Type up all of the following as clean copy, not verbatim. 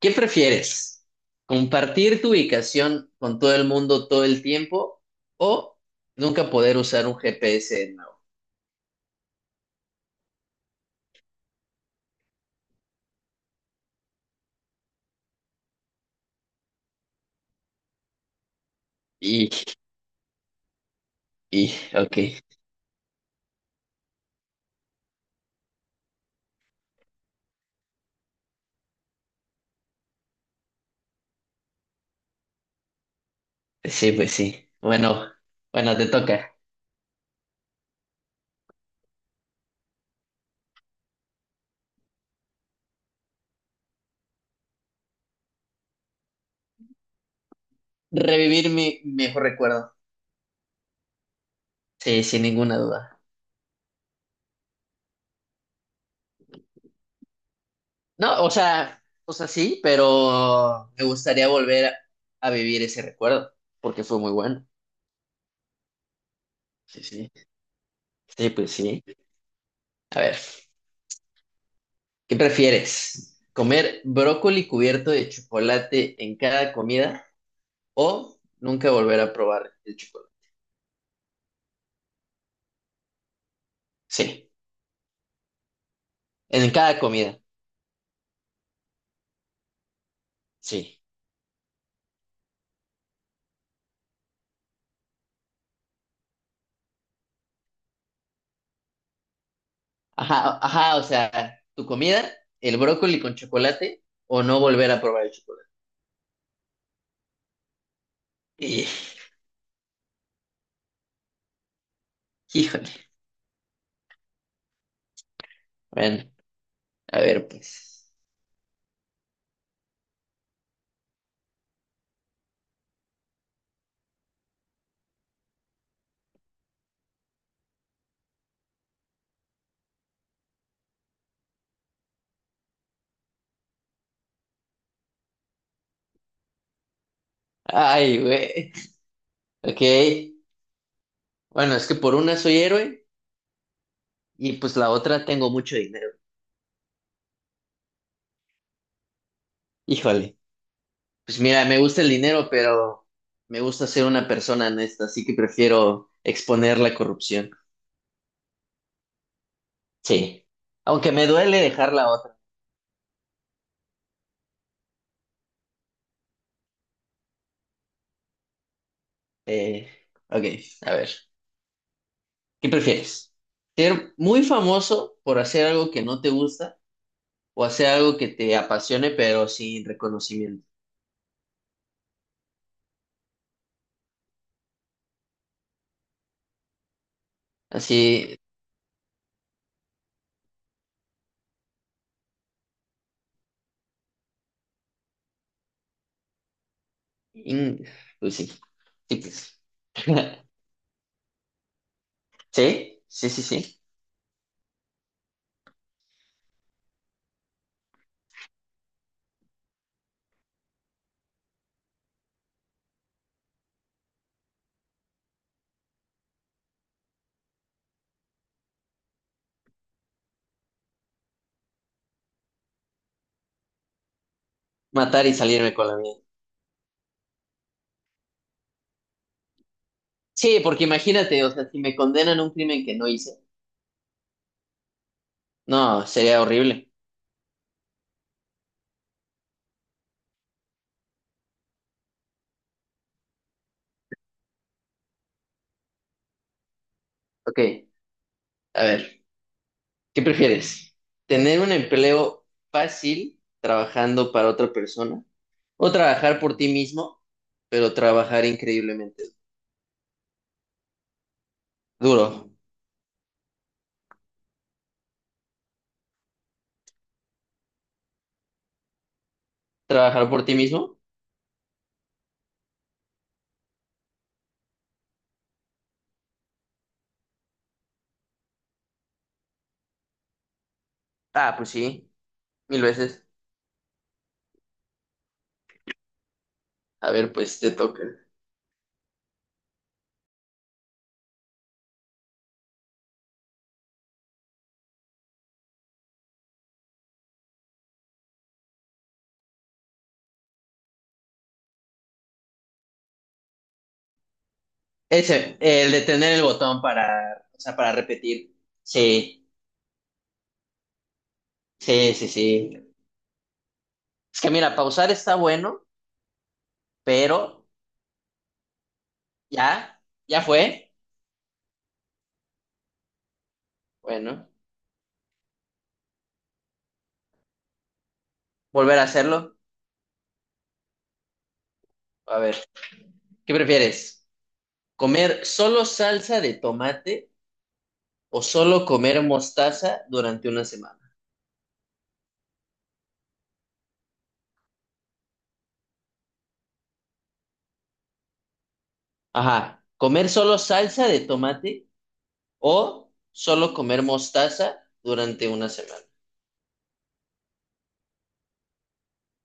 ¿Qué prefieres? ¿Compartir tu ubicación con todo el mundo todo el tiempo o nunca poder usar un GPS de nuevo? Y, ok. Sí, pues sí. Bueno, bueno, te toca. Revivir mi mejor recuerdo. Sí, sin ninguna duda. No, o sea, sí, pero me gustaría volver a vivir ese recuerdo porque fue muy bueno. Sí, sí. Sí, pues sí. A ver. ¿Qué prefieres? ¿Comer brócoli cubierto de chocolate en cada comida o nunca volver a probar el chocolate? Sí, en cada comida, sí. Ajá, ajá, o sea, tu comida, el brócoli con chocolate o no volver a probar el chocolate. Y, híjole, bueno, a ver pues. Ay, güey. Ok, bueno, es que por una soy héroe y pues la otra tengo mucho dinero. Híjole. Pues mira, me gusta el dinero, pero me gusta ser una persona honesta, así que prefiero exponer la corrupción. Sí, aunque me duele dejar la otra. Eh, ok, a ver, ¿qué prefieres? ¿Ser muy famoso por hacer algo que no te gusta o hacer algo que te apasione pero sin reconocimiento? Así, in- pues sí, sí, pues. Sí, sí, sí, sí. Matar y salirme con la mía. Sí, porque imagínate, o sea, si me condenan a un crimen que no hice. No, sería horrible. Ok, a ver, ¿qué prefieres? ¿Tener un empleo fácil trabajando para otra persona o trabajar por ti mismo, pero trabajar increíblemente duro? ¿Trabajar por ti mismo? Ah, pues sí, mil veces. A ver, pues te toca. Ese, el de tener el botón para, o sea, para repetir. Sí, sí, sí, sí. Es que mira, pausar está bueno, pero ya, ya fue. Bueno, volver a hacerlo. A ver. ¿Qué prefieres? ¿Comer solo salsa de tomate o solo comer mostaza durante una semana? Ajá, ¿comer solo salsa de tomate o solo comer mostaza durante una semana?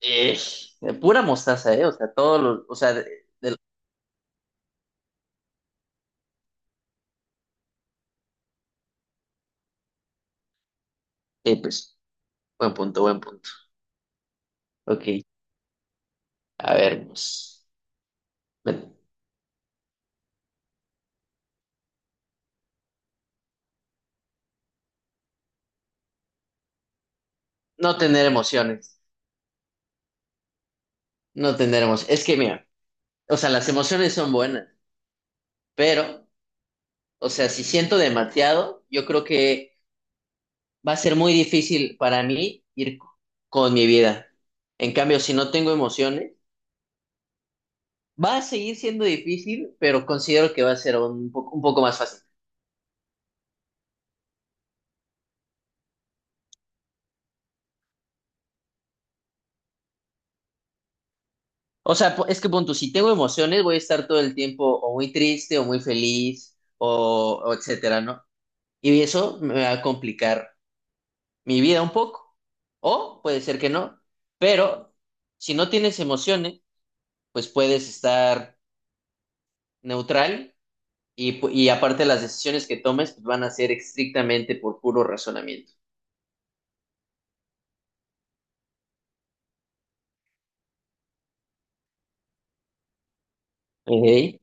Ish, de pura mostaza, ¿eh? O sea, todos los, o sea, de- pues, buen punto, buen punto. Ok, a ver, pues, ven, no tener emociones, no tener emociones. Es que, mira, o sea, las emociones son buenas, pero, o sea, si siento demasiado, yo creo que va a ser muy difícil para mí ir con mi vida. En cambio, si no tengo emociones, va a seguir siendo difícil, pero considero que va a ser un poco más fácil. O sea, es que punto, si tengo emociones, voy a estar todo el tiempo o muy triste o muy feliz o etcétera, ¿no? Y eso me va a complicar mi vida un poco. O puede ser que no, pero si no tienes emociones, pues puedes estar neutral y aparte las decisiones que tomes pues, van a ser estrictamente por puro razonamiento. Ok.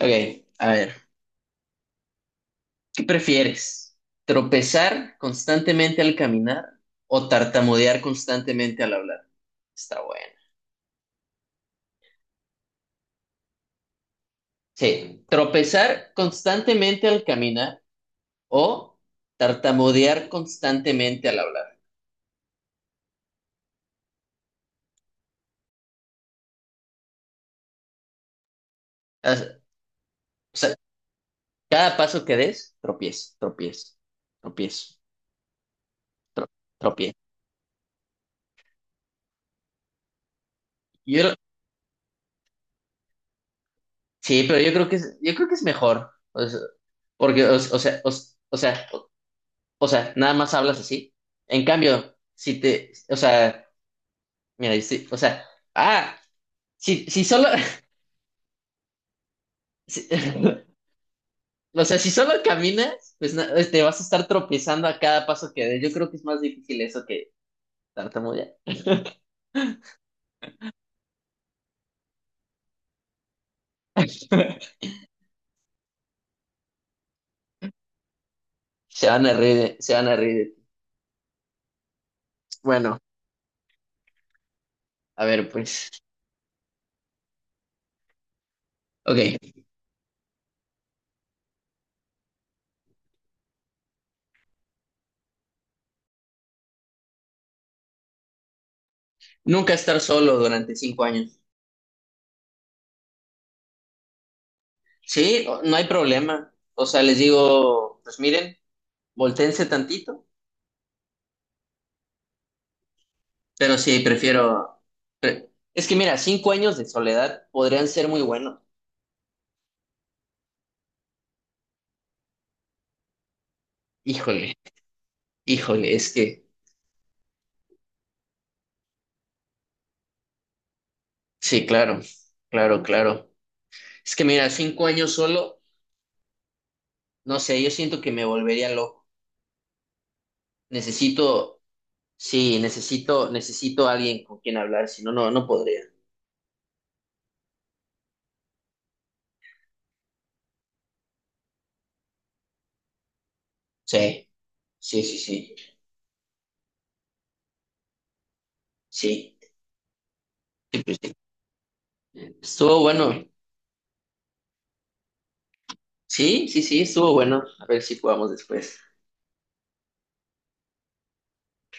Ok, a ver, ¿qué prefieres? ¿Tropezar constantemente al caminar o tartamudear constantemente al hablar? Está bueno. Sí, tropezar constantemente al caminar o tartamudear constantemente al hablar. Haz- O sea, cada paso que des, tropiezo, tropiezo, tropiezo, tro- tropiezo. Yo, Sí, pero yo creo que es mejor. O sea, porque, o sea, o, o sea, nada más hablas así. En cambio, si te, o sea, mira, sí, o sea, ah, si solo, si- o sea, si solo caminas, pues te vas a estar tropezando a cada paso que des. Yo creo que es más difícil eso que tartamudear. Se van a reír, de- se van a reír. De ti. Bueno, a ver, pues, ok. Nunca estar solo durante 5 años. Sí, no hay problema. O sea, les digo, pues miren, voltéense tantito, pero sí. Es que mira, 5 años de soledad podrían ser muy buenos. Híjole, híjole, es que. Sí, claro, claro, claro. Es que mira, cinco años solo, no sé, yo siento que me volvería loco. Necesito, sí, necesito a alguien con quien hablar, si no, no, no podría. Sí, sí, sí, sí, sí. Sí, pues sí. Estuvo bueno. Sí, sí, sí, estuvo bueno. A ver si jugamos después.